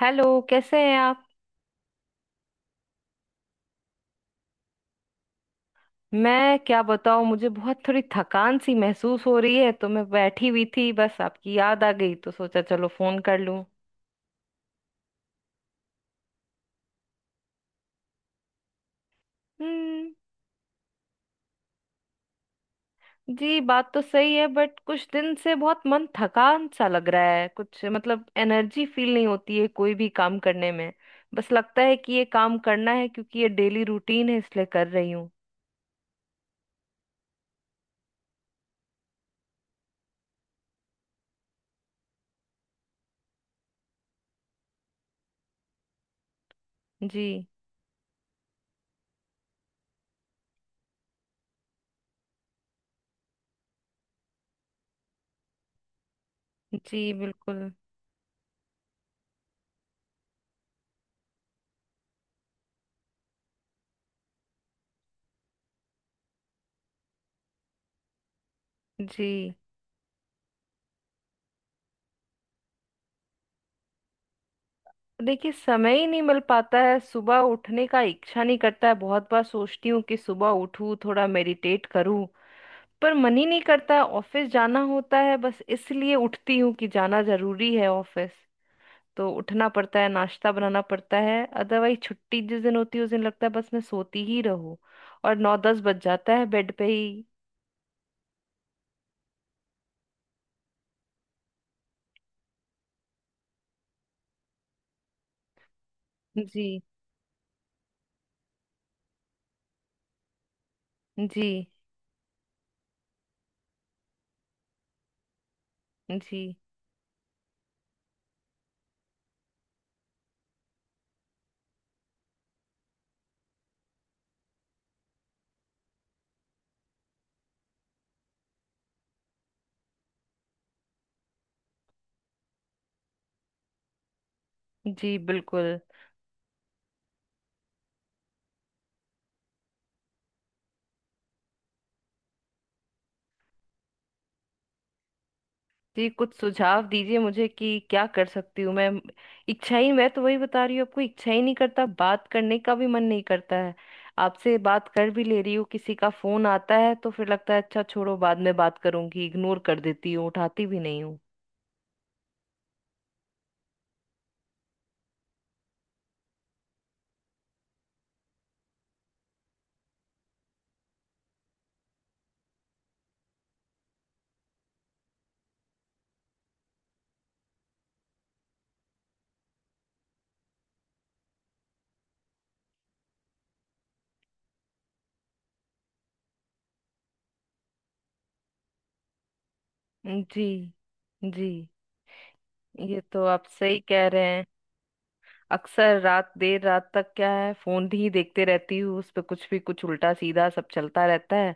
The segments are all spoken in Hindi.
हेलो। कैसे हैं आप। मैं क्या बताऊं, मुझे बहुत थोड़ी थकान सी महसूस हो रही है, तो मैं बैठी हुई थी, बस आपकी याद आ गई तो सोचा चलो फोन कर लूं। हम्म। जी बात तो सही है, बट कुछ दिन से बहुत मन थकान सा लग रहा है, कुछ मतलब एनर्जी फील नहीं होती है कोई भी काम करने में। बस लगता है कि ये काम करना है क्योंकि ये डेली रूटीन है इसलिए कर रही हूँ। जी। जी बिल्कुल। जी देखिए, समय ही नहीं मिल पाता है। सुबह उठने का इच्छा नहीं करता है। बहुत बार सोचती हूँ कि सुबह उठूँ, थोड़ा मेडिटेट करूँ, पर मन ही नहीं करता। ऑफिस जाना होता है बस इसलिए उठती हूँ कि जाना जरूरी है ऑफिस, तो उठना पड़ता है, नाश्ता बनाना पड़ता है। अदरवाइज छुट्टी जिस दिन होती है उस दिन लगता है बस मैं सोती ही रहूँ। और 9 10 बज जाता है बेड पे ही। जी। जी। जी जी बिल्कुल। जी कुछ सुझाव दीजिए मुझे कि क्या कर सकती हूँ मैं। इच्छा ही, मैं तो वही बता रही हूँ आपको, इच्छा ही नहीं करता, बात करने का भी मन नहीं करता है। आपसे बात कर भी ले रही हूँ, किसी का फोन आता है तो फिर लगता है अच्छा छोड़ो बाद में बात करूंगी, इग्नोर कर देती हूँ, उठाती भी नहीं हूँ। जी। जी ये तो आप सही कह रहे हैं। अक्सर रात, देर रात तक क्या है, फोन ही देखते रहती हूँ, उस पे कुछ भी, कुछ उल्टा सीधा सब चलता रहता है।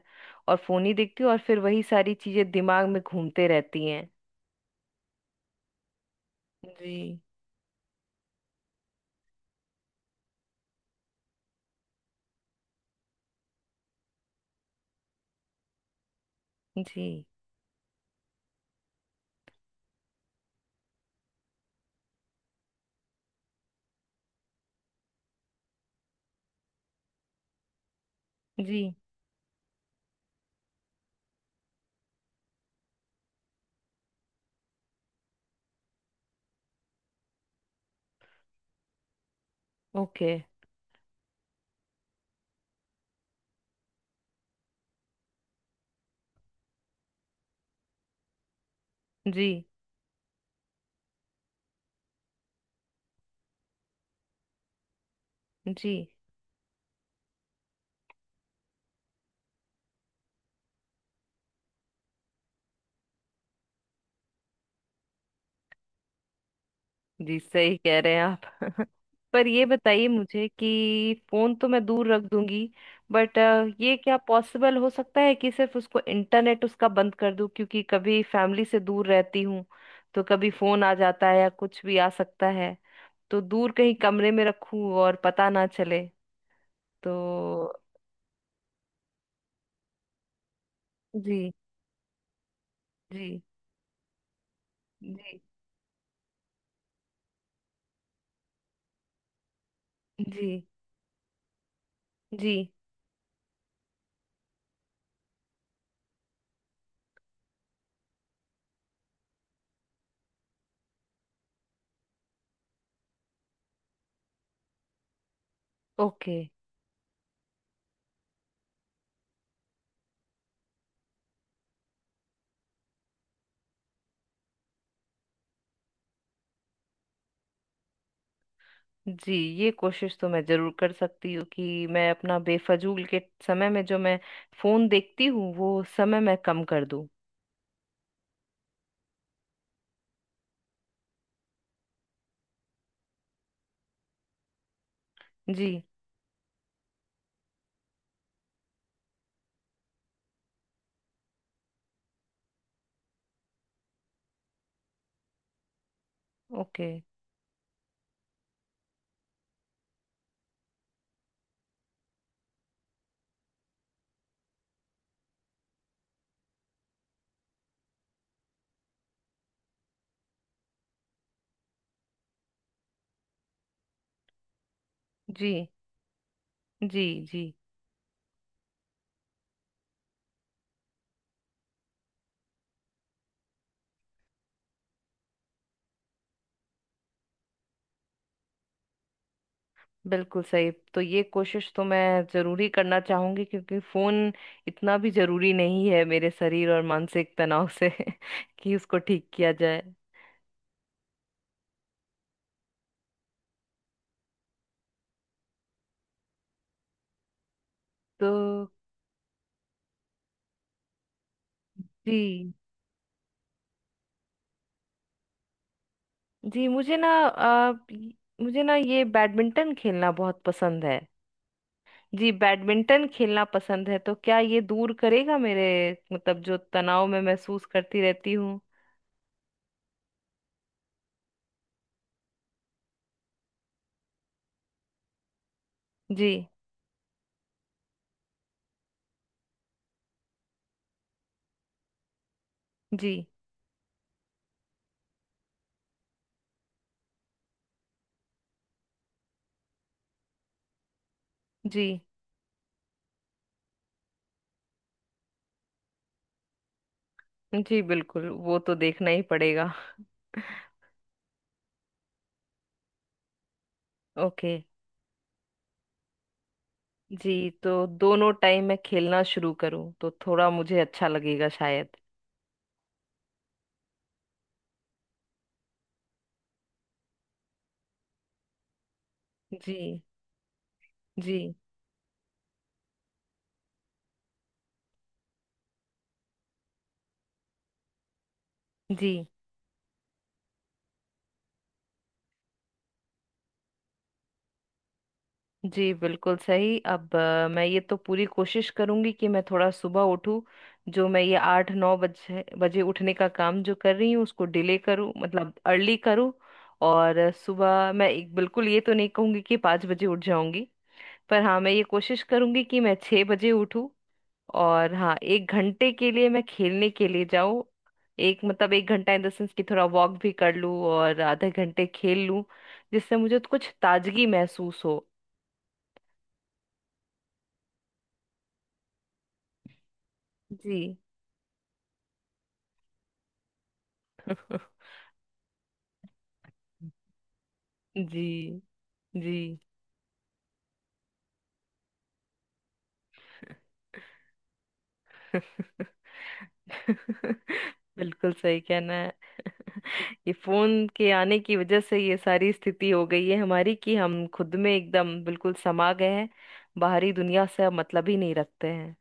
और फोन ही देखती हूँ और फिर वही सारी चीजें दिमाग में घूमते रहती हैं। जी। जी जी ओके। जी जी जी। सही कह रहे हैं आप। पर ये बताइए मुझे कि फोन तो मैं दूर रख दूंगी बट ये क्या पॉसिबल हो सकता है कि सिर्फ उसको इंटरनेट उसका बंद कर दूं, क्योंकि कभी फैमिली से दूर रहती हूँ, तो कभी फोन आ जाता है या कुछ भी आ सकता है, तो दूर कहीं कमरे में रखूं और पता ना चले, तो। जी। जी। जी। जी जी ओके। जी ये कोशिश तो मैं जरूर कर सकती हूँ कि मैं अपना बेफजूल के समय में जो मैं फोन देखती हूँ वो समय मैं कम कर दूँ। जी। ओके। जी जी। जी बिल्कुल सही। तो ये कोशिश तो मैं जरूर ही करना चाहूंगी क्योंकि फोन इतना भी जरूरी नहीं है मेरे शरीर और मानसिक तनाव से कि उसको ठीक किया जाए। तो जी। जी मुझे ना मुझे ना ये बैडमिंटन खेलना बहुत पसंद है। जी बैडमिंटन खेलना पसंद है, तो क्या ये दूर करेगा मेरे, मतलब जो तनाव में महसूस करती रहती हूँ। जी। जी। जी जी बिल्कुल वो तो देखना ही पड़ेगा। ओके। जी तो दोनों टाइम मैं खेलना शुरू करूँ तो थोड़ा मुझे अच्छा लगेगा शायद। जी जी। जी। जी बिल्कुल सही। अब मैं ये तो पूरी कोशिश करूंगी कि मैं थोड़ा सुबह उठूं। जो मैं ये 8 9 बजे बजे उठने का काम जो कर रही हूँ उसको डिले करूँ, मतलब अर्ली करूँ। और सुबह मैं एक, बिल्कुल ये तो नहीं कहूंगी कि 5 बजे उठ जाऊंगी, पर हाँ मैं ये कोशिश करूंगी कि मैं 6 बजे उठूँ। और हाँ एक घंटे के लिए मैं खेलने के लिए जाऊँ। एक मतलब एक घंटा इन द सेंस कि थोड़ा वॉक भी कर लूँ और आधे घंटे खेल लूँ, जिससे मुझे कुछ ताजगी महसूस हो। जी। जी जी बिल्कुल सही कहना है। ये फोन के आने की वजह से ये सारी स्थिति हो गई है हमारी कि हम खुद में एकदम बिल्कुल समा गए हैं, बाहरी दुनिया से अब मतलब ही नहीं रखते हैं।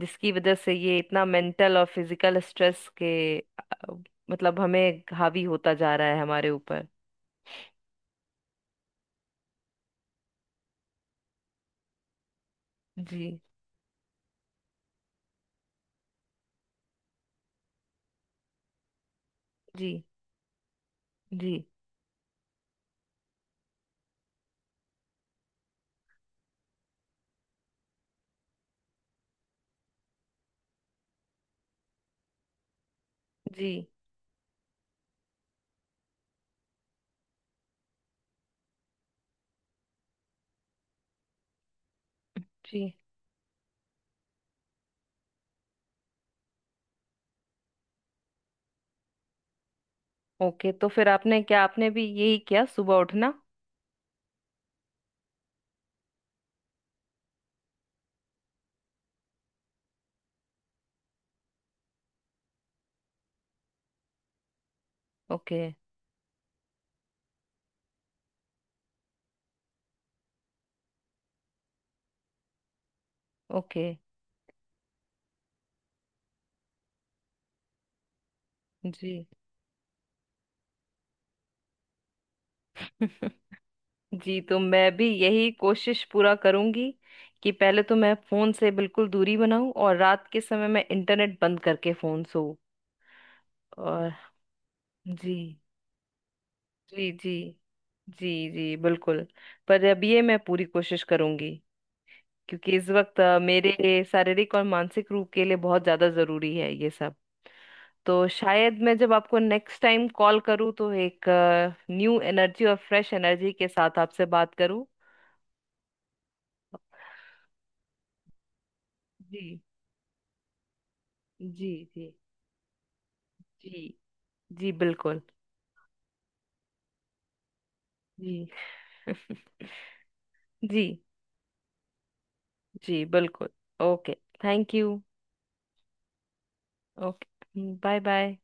जिसकी वजह से ये इतना मेंटल और फिजिकल स्ट्रेस के मतलब हमें हावी होता जा रहा है हमारे ऊपर। जी। जी। जी जी जी ओके तो फिर आपने क्या, आपने भी यही किया, सुबह उठना? ओके। ओके। जी। जी तो मैं भी यही कोशिश पूरा करूंगी कि पहले तो मैं फोन से बिल्कुल दूरी बनाऊं और रात के समय मैं इंटरनेट बंद करके फोन सो। और जी जी जी जी। जी बिल्कुल। पर अब ये मैं पूरी कोशिश करूंगी क्योंकि इस वक्त मेरे शारीरिक और मानसिक रूप के लिए बहुत ज्यादा जरूरी है ये सब। तो शायद मैं जब आपको नेक्स्ट टाइम कॉल करूं तो एक न्यू एनर्जी और फ्रेश एनर्जी के साथ आपसे बात करूं। जी। जी जी जी जी बिल्कुल। जी। जी। जी बिल्कुल। Okay. Thank you. Okay bye bye.